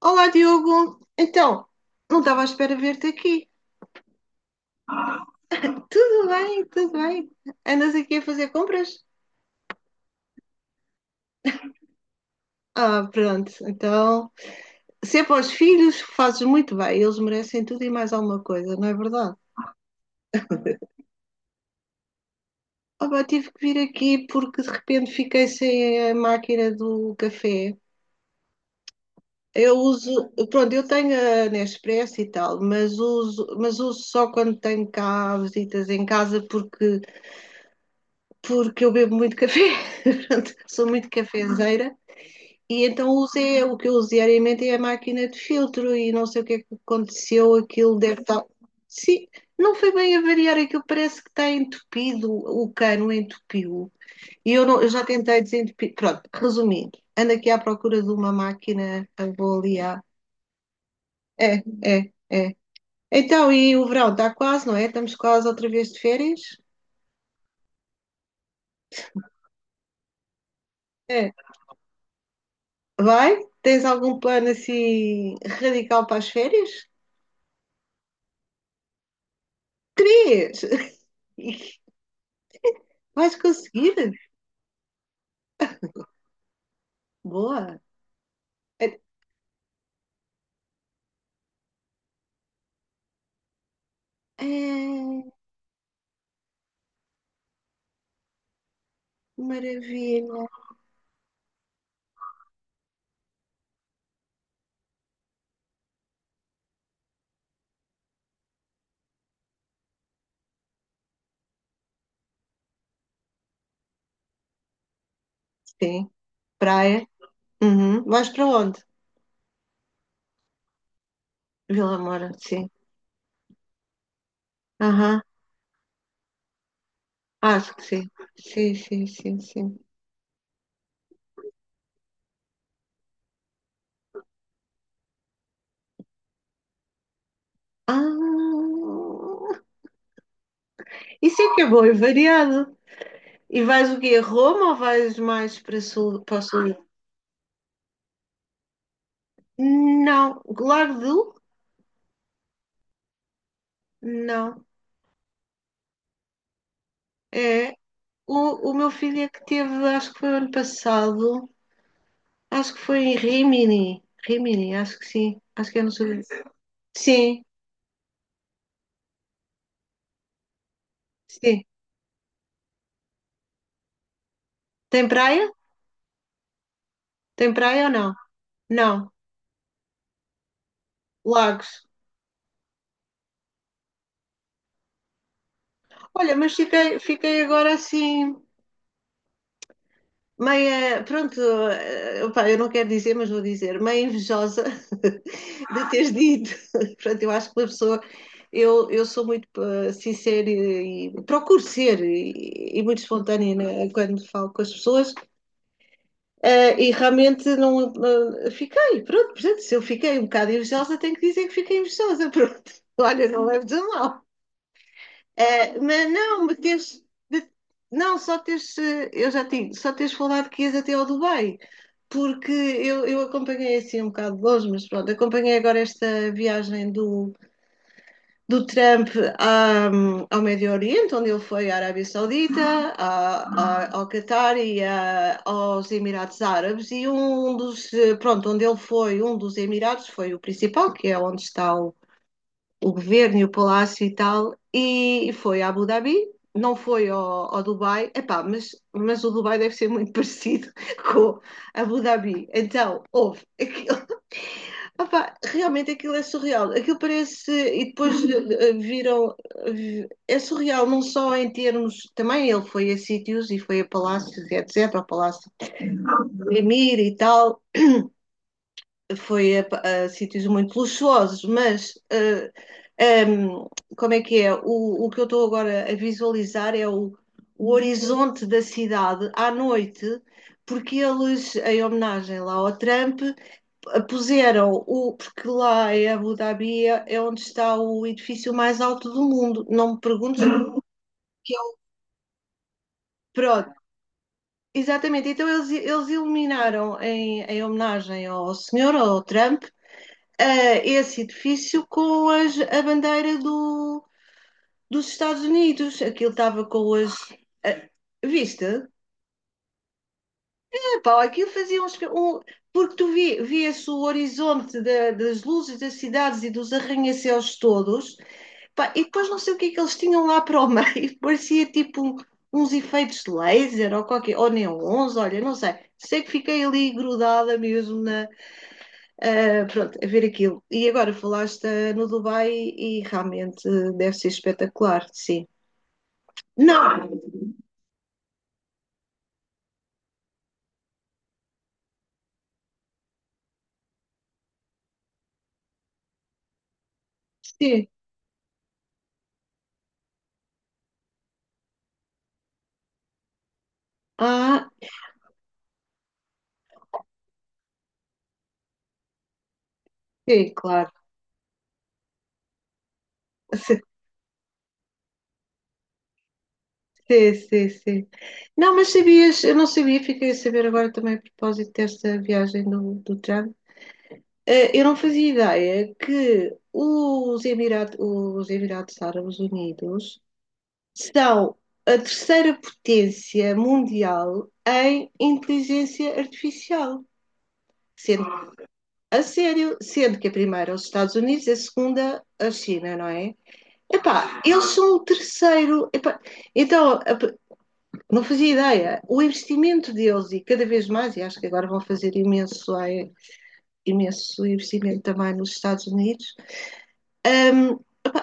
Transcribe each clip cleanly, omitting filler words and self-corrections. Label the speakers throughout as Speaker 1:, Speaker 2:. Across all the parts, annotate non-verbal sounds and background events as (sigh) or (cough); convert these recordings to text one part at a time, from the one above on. Speaker 1: Olá, Diogo. Então, não estava à espera de ver-te aqui. Tudo bem, tudo bem. Andas aqui a fazer compras? Ah, pronto. Então, se é para os filhos, fazes muito bem. Eles merecem tudo e mais alguma coisa, não é verdade? Ah, pá, tive que vir aqui porque de repente fiquei sem a máquina do café. Eu uso, pronto, eu tenho a Nespresso e tal, mas uso, só quando tenho cá visitas em casa porque eu bebo muito café, (laughs) sou muito cafezeira. E então usei, o que eu uso diariamente é a máquina de filtro e não sei o que é que aconteceu, aquilo deve estar. Sim, não foi bem a variar, aquilo parece que está entupido, o cano entupiu. E eu, não, eu já tentei desentupir. Pronto, resumindo, ando aqui à procura de uma máquina, vou ali à. É, é, é. Então, e o verão está quase, não é? Estamos quase outra vez de férias? É. Vai? Tens algum plano assim radical para as férias? Três! (laughs) Vais conseguir? Boa! É, é, maravilha! Sim, praia. Uhum. Vais para onde? Vila Moura, sim. Aham, acho que sim. Sim, sim, sim, sim. Ah, isso é que é bom e variado. E vais o quê? A Roma ou vais mais para o sul? Não. Largo do? Não. É, o meu filho é que teve, acho que foi ano passado, acho que foi em Rimini. Rimini, acho que sim. Acho que é no sul. Sim, sim. Tem praia? Tem praia ou não? Não. Lagos. Olha, mas fiquei, agora assim, meia. Pronto, opá, eu não quero dizer, mas vou dizer, meia invejosa (laughs) de teres dito. (laughs) Pronto, eu acho que uma pessoa. Eu sou muito sincera e, procuro ser e muito espontânea né, quando falo com as pessoas. E realmente não fiquei, pronto, portanto, se eu fiquei um bocado invejosa, tenho que dizer que fiquei invejosa, pronto. (laughs) Olha, não leves a mal. Mas não, mas teres, de- não, só teres, eu já tinha, só teres falado que ias até ao Dubai, porque eu acompanhei assim um bocado de longe, mas pronto, acompanhei agora esta viagem do, Trump à- ao Médio Oriente, onde ele foi à Arábia Saudita, ao Catar e aos Emirados Árabes, e um dos, pronto, onde ele foi, um dos Emirados foi o principal, que é onde está o, governo e o palácio e tal, e foi a Abu Dhabi, não foi ao, Dubai, epá, mas o Dubai deve ser muito (laughs) parecido com a Abu Dhabi. Então, houve, opa, realmente aquilo é surreal. Aquilo parece. E depois viram. É surreal, não só em termos. Também ele foi a sítios e foi a palácios, e etc. Ao Palácio de Emir e tal. Foi a, a sítios muito luxuosos, mas. Ehm, como é que é? O, o, que eu estou agora a visualizar é o horizonte da cidade à noite, porque eles, em homenagem lá ao Trump puseram o, porque lá em Abu Dhabi é onde está o edifício mais alto do mundo. Não me perguntes que é o. Pronto, exatamente. Então eles, iluminaram em homenagem ao senhor, ao Trump, esse edifício com a bandeira dos Estados Unidos. Aquilo estava com as. eh, viste? Epá, aquilo fazia uns. Um, porque tu via-se o horizonte das luzes das cidades e dos arranha-céus todos. Pá, e depois não sei o que é que eles tinham lá para o meio, (laughs) parecia tipo uns efeitos de laser ou qualquer, ou neons, olha, não sei. Sei que fiquei ali grudada mesmo na, pronto, a ver aquilo. E agora falaste no Dubai e realmente deve ser espetacular, sim. Não! Sim. Ah, sim, claro. (laughs) Sim, sim, sim. Não, mas sabias, eu não sabia, fiquei a saber agora também a propósito desta viagem do Trump. Eu não fazia ideia que os Emirados Árabes Unidos são a terceira potência mundial em inteligência artificial. Sendo, a sério, sendo que a primeira é os Estados Unidos e a segunda a China, não é? Epá, eles são o terceiro. Epá, então, não fazia ideia. O investimento deles, e cada vez mais, e acho que agora vão fazer imenso, imenso investimento também nos Estados Unidos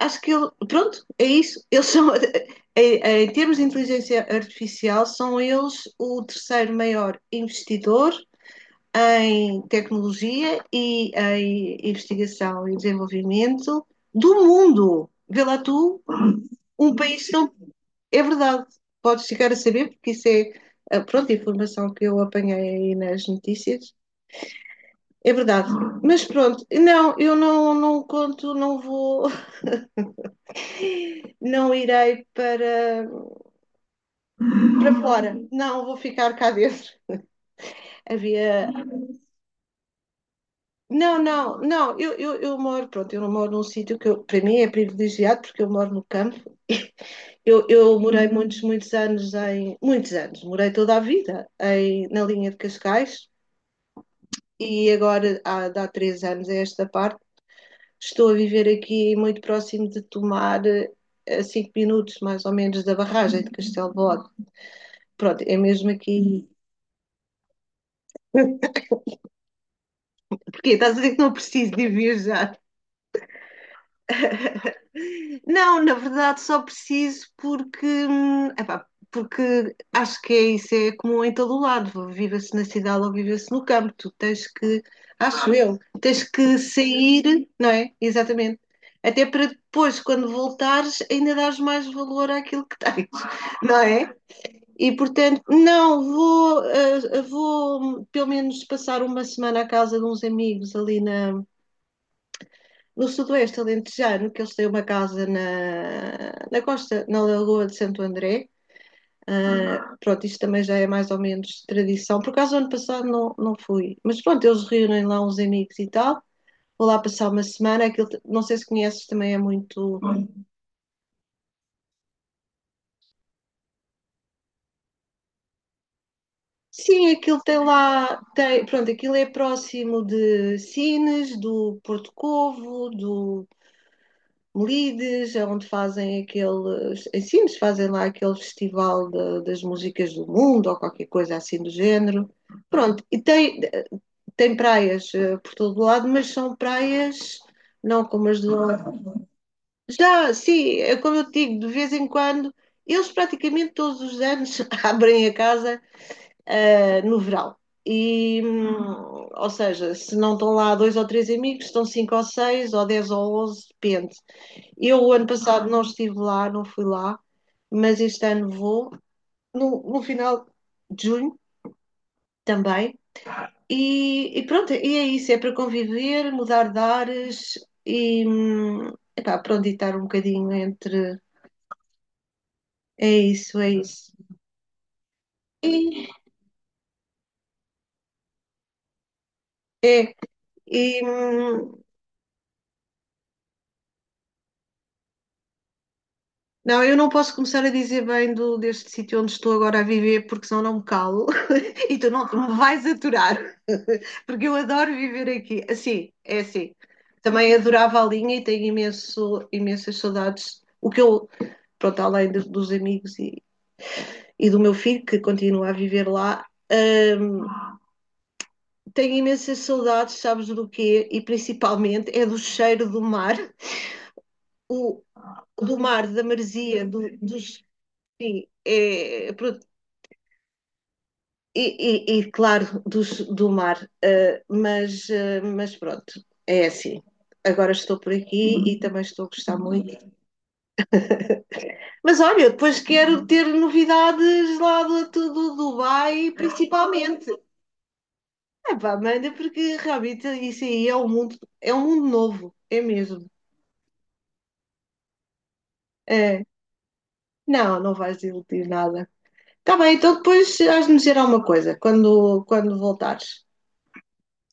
Speaker 1: acho que ele, pronto, é isso. Eles são, (laughs) em, termos de inteligência artificial, são eles o terceiro maior investidor em tecnologia e em investigação e desenvolvimento do mundo. Vê lá tu, um país não. É verdade, podes chegar a saber, porque isso é pronto, a informação que eu apanhei aí nas notícias. É verdade. Mas pronto, não, eu não, não conto, não vou, (laughs) não irei para fora. Não, vou ficar cá dentro. Havia. Não, não, não. Eu moro, pronto, eu moro num sítio que eu, para mim é privilegiado porque eu moro no campo. Eu morei muitos, muitos anos em. Muitos anos, morei toda a vida em, na linha de Cascais e agora, há 3 anos a esta parte, estou a viver aqui muito próximo de tomar a 5 minutos mais ou menos da barragem de Castelo de Bode. Pronto, é mesmo aqui. Porquê? Estás a dizer que não preciso de viajar? Não, na verdade só preciso porque, epá, porque acho que é isso, é comum em todo o lado, viva-se na cidade ou viva-se no campo, tu tens que, acho eu, tens que sair, não é? Exatamente. Até para depois, quando voltares, ainda dares mais valor àquilo que tens, não é? E portanto, não, vou pelo menos passar uma semana à casa de uns amigos ali no sudoeste alentejano, que eles têm uma casa na, costa, na Lagoa de Santo André. Ah, pronto, isto também já é mais ou menos tradição. Por acaso, ano passado não, não fui, mas pronto, eles reúnem lá uns amigos e tal. Vou lá passar uma semana. Aquilo, não sei se conheces, também é muito. Sim, aquilo tem lá. Tem, pronto, aquilo é próximo de Sines, do Porto Covo, do Lides, é onde fazem aqueles em ensinos, fazem lá aquele festival das músicas do mundo ou qualquer coisa assim do género. Pronto, e tem, praias por todo lado, mas são praias não como as do. Lado. Já, sim, é como eu te digo, de vez em quando, eles praticamente todos os anos (laughs) abrem a casa no verão. E, ou seja, se não estão lá dois ou três amigos, estão cinco ou seis, ou 10 ou 11, depende. Eu, o ano passado, não estive lá, não fui lá, mas este ano vou, no, final de junho também. E pronto, e é isso: é para conviver, mudar de ares e, epá, pronto, e estar um bocadinho entre. É isso, é isso. E, é, e, não, eu não posso começar a dizer bem deste sítio onde estou agora a viver, porque senão não me calo. E tu não, tu me vais aturar, (laughs) porque eu adoro viver aqui. Assim, é assim. Também adorava a linha e tenho imenso, imensas saudades. O que eu, pronto, além dos amigos e, do meu filho, que continua a viver lá, tenho imensas saudades, sabes do quê? E principalmente é do cheiro do mar, o, do mar, da maresia, dos. Sim, é, e, claro, do mar, mas, mas pronto, é assim. Agora estou por aqui e também estou a gostar muito. Mas olha, depois quero ter novidades lá do Dubai, principalmente. Epá, manda, porque realmente isso aí é um mundo novo, é mesmo. É. Não, não vais desiludir nada. Tá bem, então depois has de me dizer alguma coisa quando, voltares,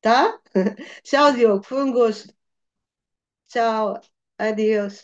Speaker 1: tá? Tchau, Diogo, foi um gosto. Tchau, adeus.